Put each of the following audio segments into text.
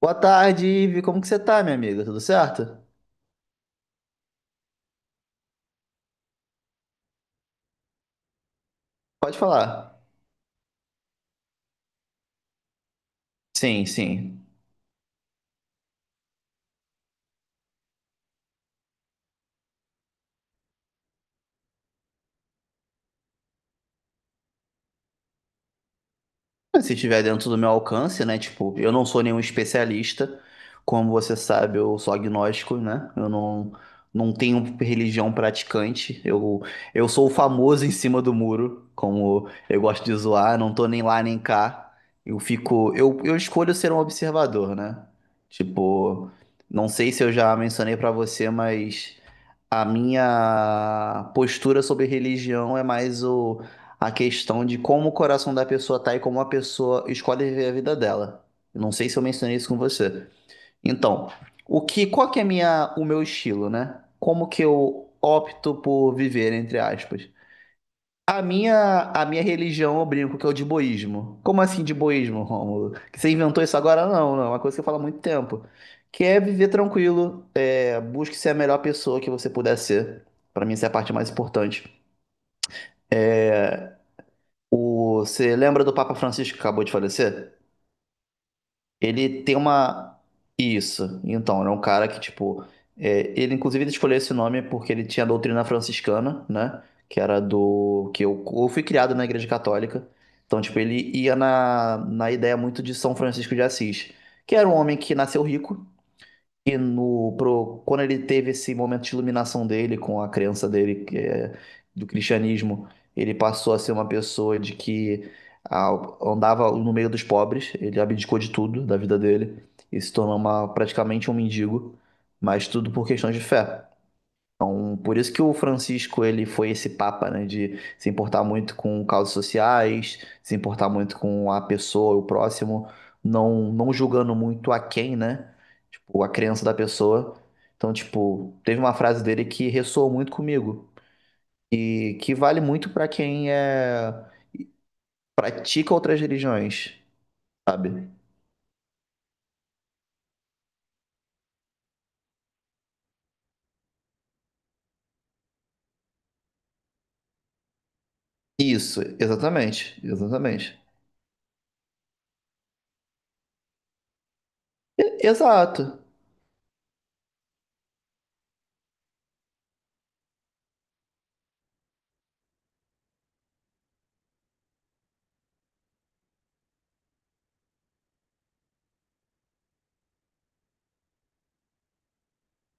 Boa tarde, Ive. Como que você tá, minha amiga? Tudo certo? Pode falar. Sim, sim. Se estiver dentro do meu alcance, né? Tipo, eu não sou nenhum especialista. Como você sabe, eu sou agnóstico, né? Eu não tenho religião praticante. Eu sou o famoso em cima do muro, como eu gosto de zoar. Não tô nem lá nem cá. Eu fico. Eu escolho ser um observador, né? Tipo, não sei se eu já mencionei pra você, mas. A minha postura sobre religião é mais o, a questão de como o coração da pessoa tá e como a pessoa escolhe viver a vida dela. Eu não sei se eu mencionei isso com você. Então, o que, qual que é a minha, o meu estilo, né? Como que eu opto por viver, entre aspas? A minha religião, eu brinco que é o de boísmo. Como assim de boísmo, Rômulo? Que você inventou isso agora? Não, não. É uma coisa que eu falo há muito tempo. Que é viver tranquilo. Busque ser a melhor pessoa que você puder ser. Pra mim, essa é a parte mais importante. Você lembra do Papa Francisco que acabou de falecer? Ele tem uma. Isso. Então, ele é um cara que, tipo. Ele, inclusive, ele escolheu esse nome porque ele tinha a doutrina franciscana, né? Que era do. Que eu fui criado na Igreja Católica. Então, tipo, ele ia na ideia muito de São Francisco de Assis, que era um homem que nasceu rico. E no, pro, quando ele teve esse momento de iluminação dele com a crença dele que é, do cristianismo, ele passou a ser uma pessoa de que ah, andava no meio dos pobres, ele abdicou de tudo da vida dele e se tornou uma, praticamente um mendigo, mas tudo por questões de fé. Então, por isso que o Francisco ele foi esse papa, né, de se importar muito com causas sociais, se importar muito com a pessoa, o próximo, não julgando muito a quem, né? Tipo, a crença da pessoa. Então, tipo, teve uma frase dele que ressoou muito comigo e que vale muito para quem pratica outras religiões, sabe? Isso, exatamente, exatamente. Exato.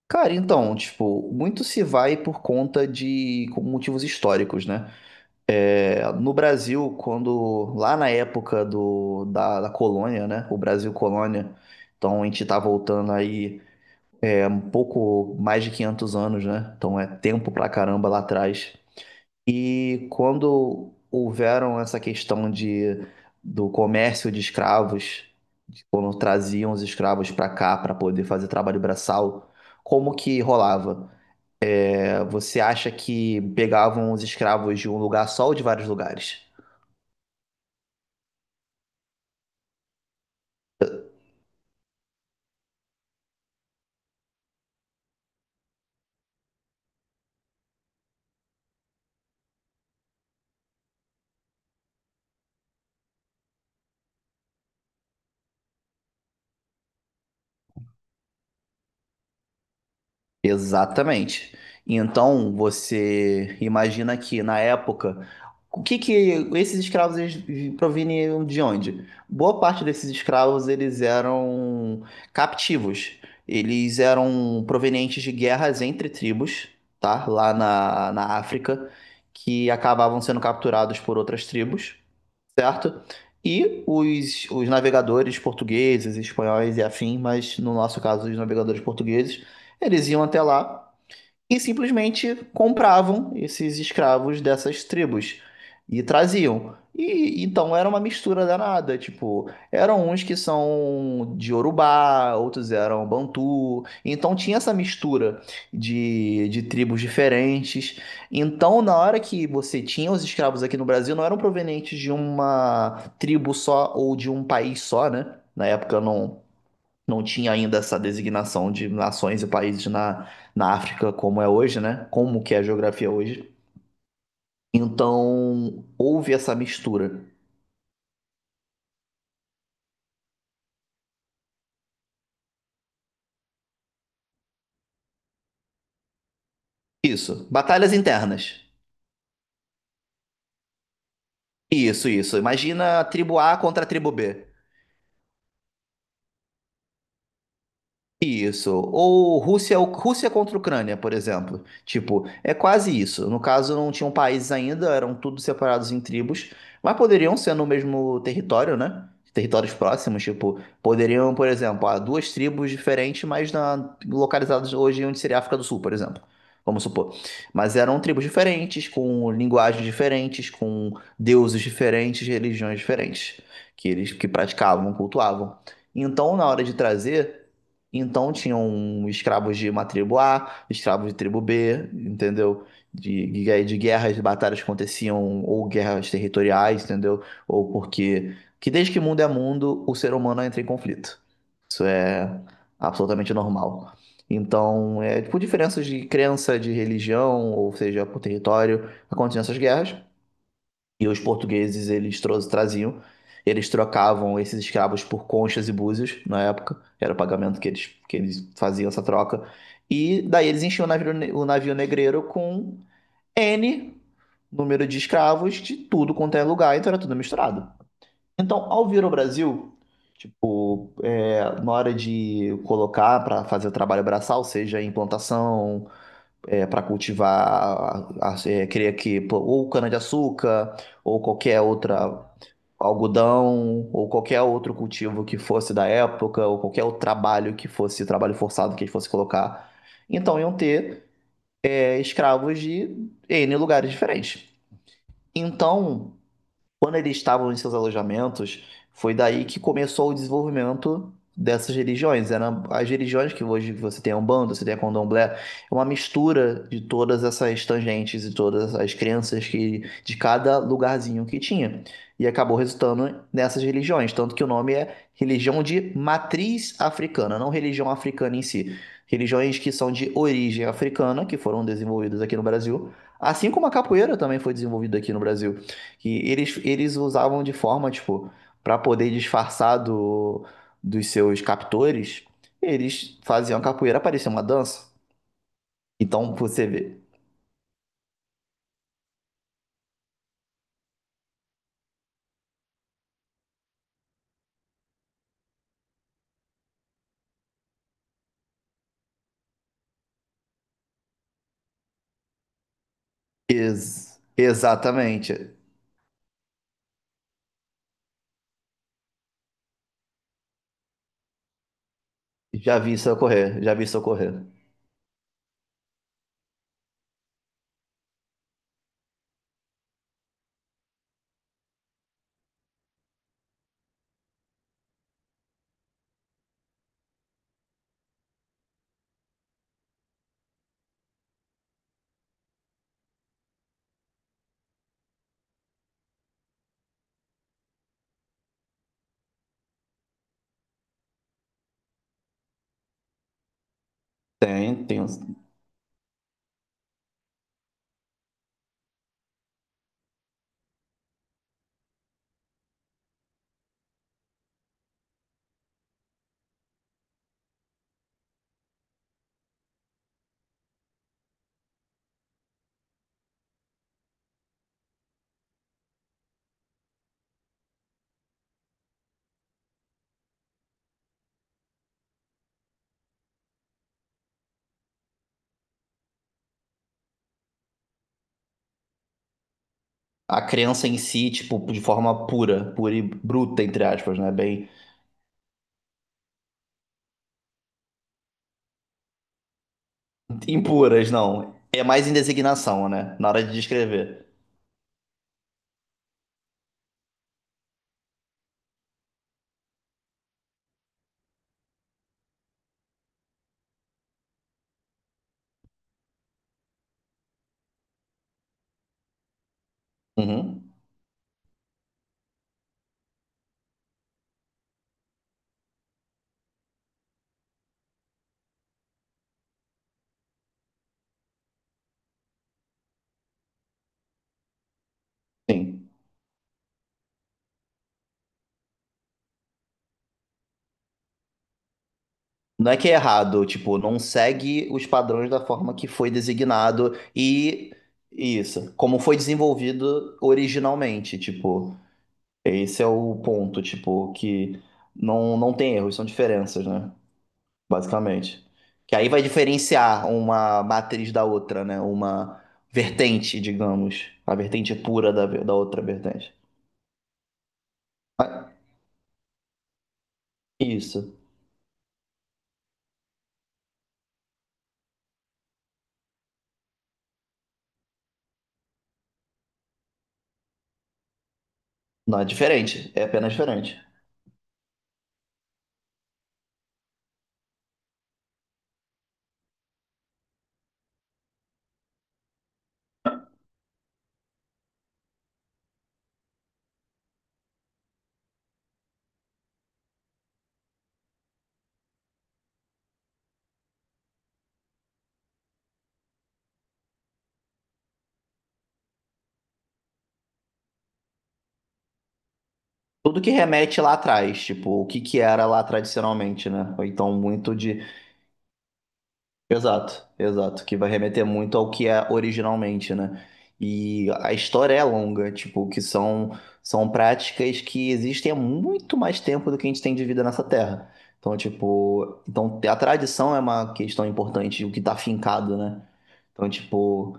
Cara, então, tipo, muito se vai por conta de com motivos históricos, né? No Brasil, quando lá na época da colônia, né? O Brasil colônia, então a gente tá voltando aí um pouco mais de 500 anos, né? Então é tempo pra caramba lá atrás. E quando houveram essa questão de, do comércio de escravos, de quando traziam os escravos para cá para poder fazer trabalho braçal, como que rolava? Você acha que pegavam os escravos de um lugar só ou de vários lugares? Exatamente. Então, você imagina que na época, o que que esses escravos eles proveniam de onde? Boa parte desses escravos eles eram captivos. Eles eram provenientes de guerras entre tribos, tá? Lá na África, que acabavam sendo capturados por outras tribos. Certo? E os navegadores portugueses, espanhóis e afim, mas no nosso caso, os navegadores portugueses, eles iam até lá e simplesmente compravam esses escravos dessas tribos e traziam. E então era uma mistura danada, tipo, eram uns que são de Urubá, outros eram Bantu, então tinha essa mistura de tribos diferentes. Então, na hora que você tinha os escravos aqui no Brasil, não eram provenientes de uma tribo só ou de um país só, né? Na época não tinha ainda essa designação de nações e países na África como é hoje, né? Como que é a geografia hoje. Então, houve essa mistura. Isso. Batalhas internas. Isso, isso. Imagina a tribo A contra a tribo B. Isso. Ou Rússia, Rússia contra Ucrânia, por exemplo. Tipo, é quase isso. No caso, não tinham países ainda, eram tudo separados em tribos, mas poderiam ser no mesmo território, né? Territórios próximos, tipo, poderiam, por exemplo, há duas tribos diferentes, mas na, localizadas hoje onde seria a África do Sul, por exemplo. Vamos supor. Mas eram tribos diferentes, com linguagens diferentes, com deuses diferentes, religiões diferentes, que eles que praticavam, cultuavam. Então, na hora de trazer. Então tinham escravos de uma tribo A, escravos de tribo B, entendeu? De guerras, de batalhas que aconteciam, ou guerras territoriais, entendeu? Ou porque. Que desde que mundo é mundo, o ser humano entra em conflito. Isso é absolutamente normal. Então, por diferenças de crença, de religião, ou seja, por território, aconteciam essas guerras. E os portugueses, eles traziam, eles trocavam esses escravos por conchas e búzios na época, era o pagamento que eles faziam essa troca. E daí eles enchiam o navio, o navio negreiro com N número de escravos de tudo quanto é lugar, então era tudo misturado. Então, ao vir ao Brasil, tipo, na hora de colocar para fazer o trabalho braçal, seja em plantação, para cultivar, queria que pô, ou cana-de-açúcar ou qualquer outra algodão ou qualquer outro cultivo que fosse da época, ou qualquer outro trabalho que fosse trabalho forçado que eles fossem colocar. Então iam ter escravos de N lugares diferentes. Então, quando eles estavam em seus alojamentos, foi daí que começou o desenvolvimento dessas religiões. Eram as religiões que hoje você tem a Umbanda, você tem a Candomblé, é uma mistura de todas essas tangentes e todas as crenças que de cada lugarzinho que tinha. E acabou resultando nessas religiões, tanto que o nome é religião de matriz africana, não religião africana em si. Religiões que são de origem africana, que foram desenvolvidas aqui no Brasil, assim como a capoeira também foi desenvolvida aqui no Brasil. Que eles usavam de forma, tipo, para poder disfarçar do, dos seus captores, eles faziam a capoeira parecer uma dança. Então você vê. Exatamente. Já vi isso ocorrer, já vi isso ocorrer. Tem, tem. A criança em si, tipo, de forma pura, pura e bruta, entre aspas, né? Bem. Impuras, não. É mais em designação, né? Na hora de descrever. Uhum. Sim. Não é que é errado, tipo, não segue os padrões da forma que foi designado e isso, como foi desenvolvido originalmente, tipo, esse é o ponto, tipo, que não tem erros, são diferenças, né? Basicamente. Que aí vai diferenciar uma matriz da outra, né? Uma vertente, digamos, a vertente pura da outra vertente. Mas isso, não é diferente, é apenas diferente. Tudo que remete lá atrás, tipo, o que que era lá tradicionalmente, né? Ou então muito de. Exato, exato. Que vai remeter muito ao que é originalmente, né? E a história é longa, tipo, que são práticas que existem há muito mais tempo do que a gente tem de vida nessa terra. Então, tipo, então a tradição é uma questão importante, o que tá fincado, né? Então, tipo.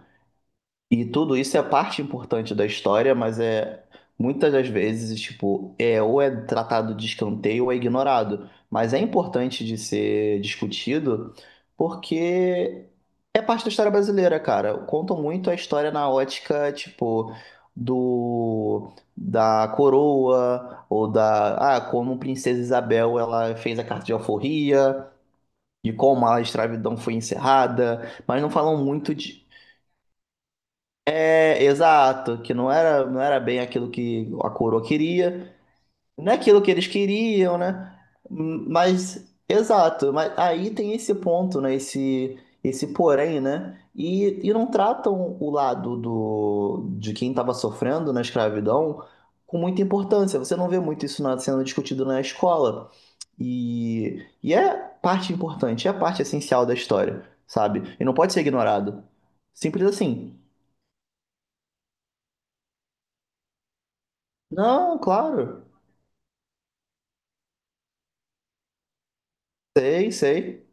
E tudo isso é parte importante da história, mas é muitas das vezes, tipo, é ou é tratado de escanteio ou é ignorado. Mas é importante de ser discutido porque é parte da história brasileira, cara. Contam muito a história na ótica, tipo, do da coroa ou da, como Princesa Isabel ela fez a carta de alforria, de como a escravidão foi encerrada, mas não falam muito de exato, que não era, não era bem aquilo que a coroa queria, não é aquilo que eles queriam, né? Mas, exato, mas aí tem esse ponto, né? Esse porém, né? E não tratam o lado do, de quem estava sofrendo na escravidão com muita importância. Você não vê muito isso sendo discutido na escola. E é parte importante, é parte essencial da história, sabe? E não pode ser ignorado. Simples assim. Não, claro. Sei, sei.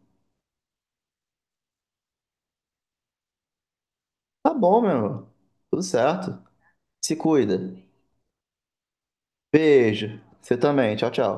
Tá bom, meu irmão. Tudo certo. Se cuida. Beijo. Você também. Tchau, tchau.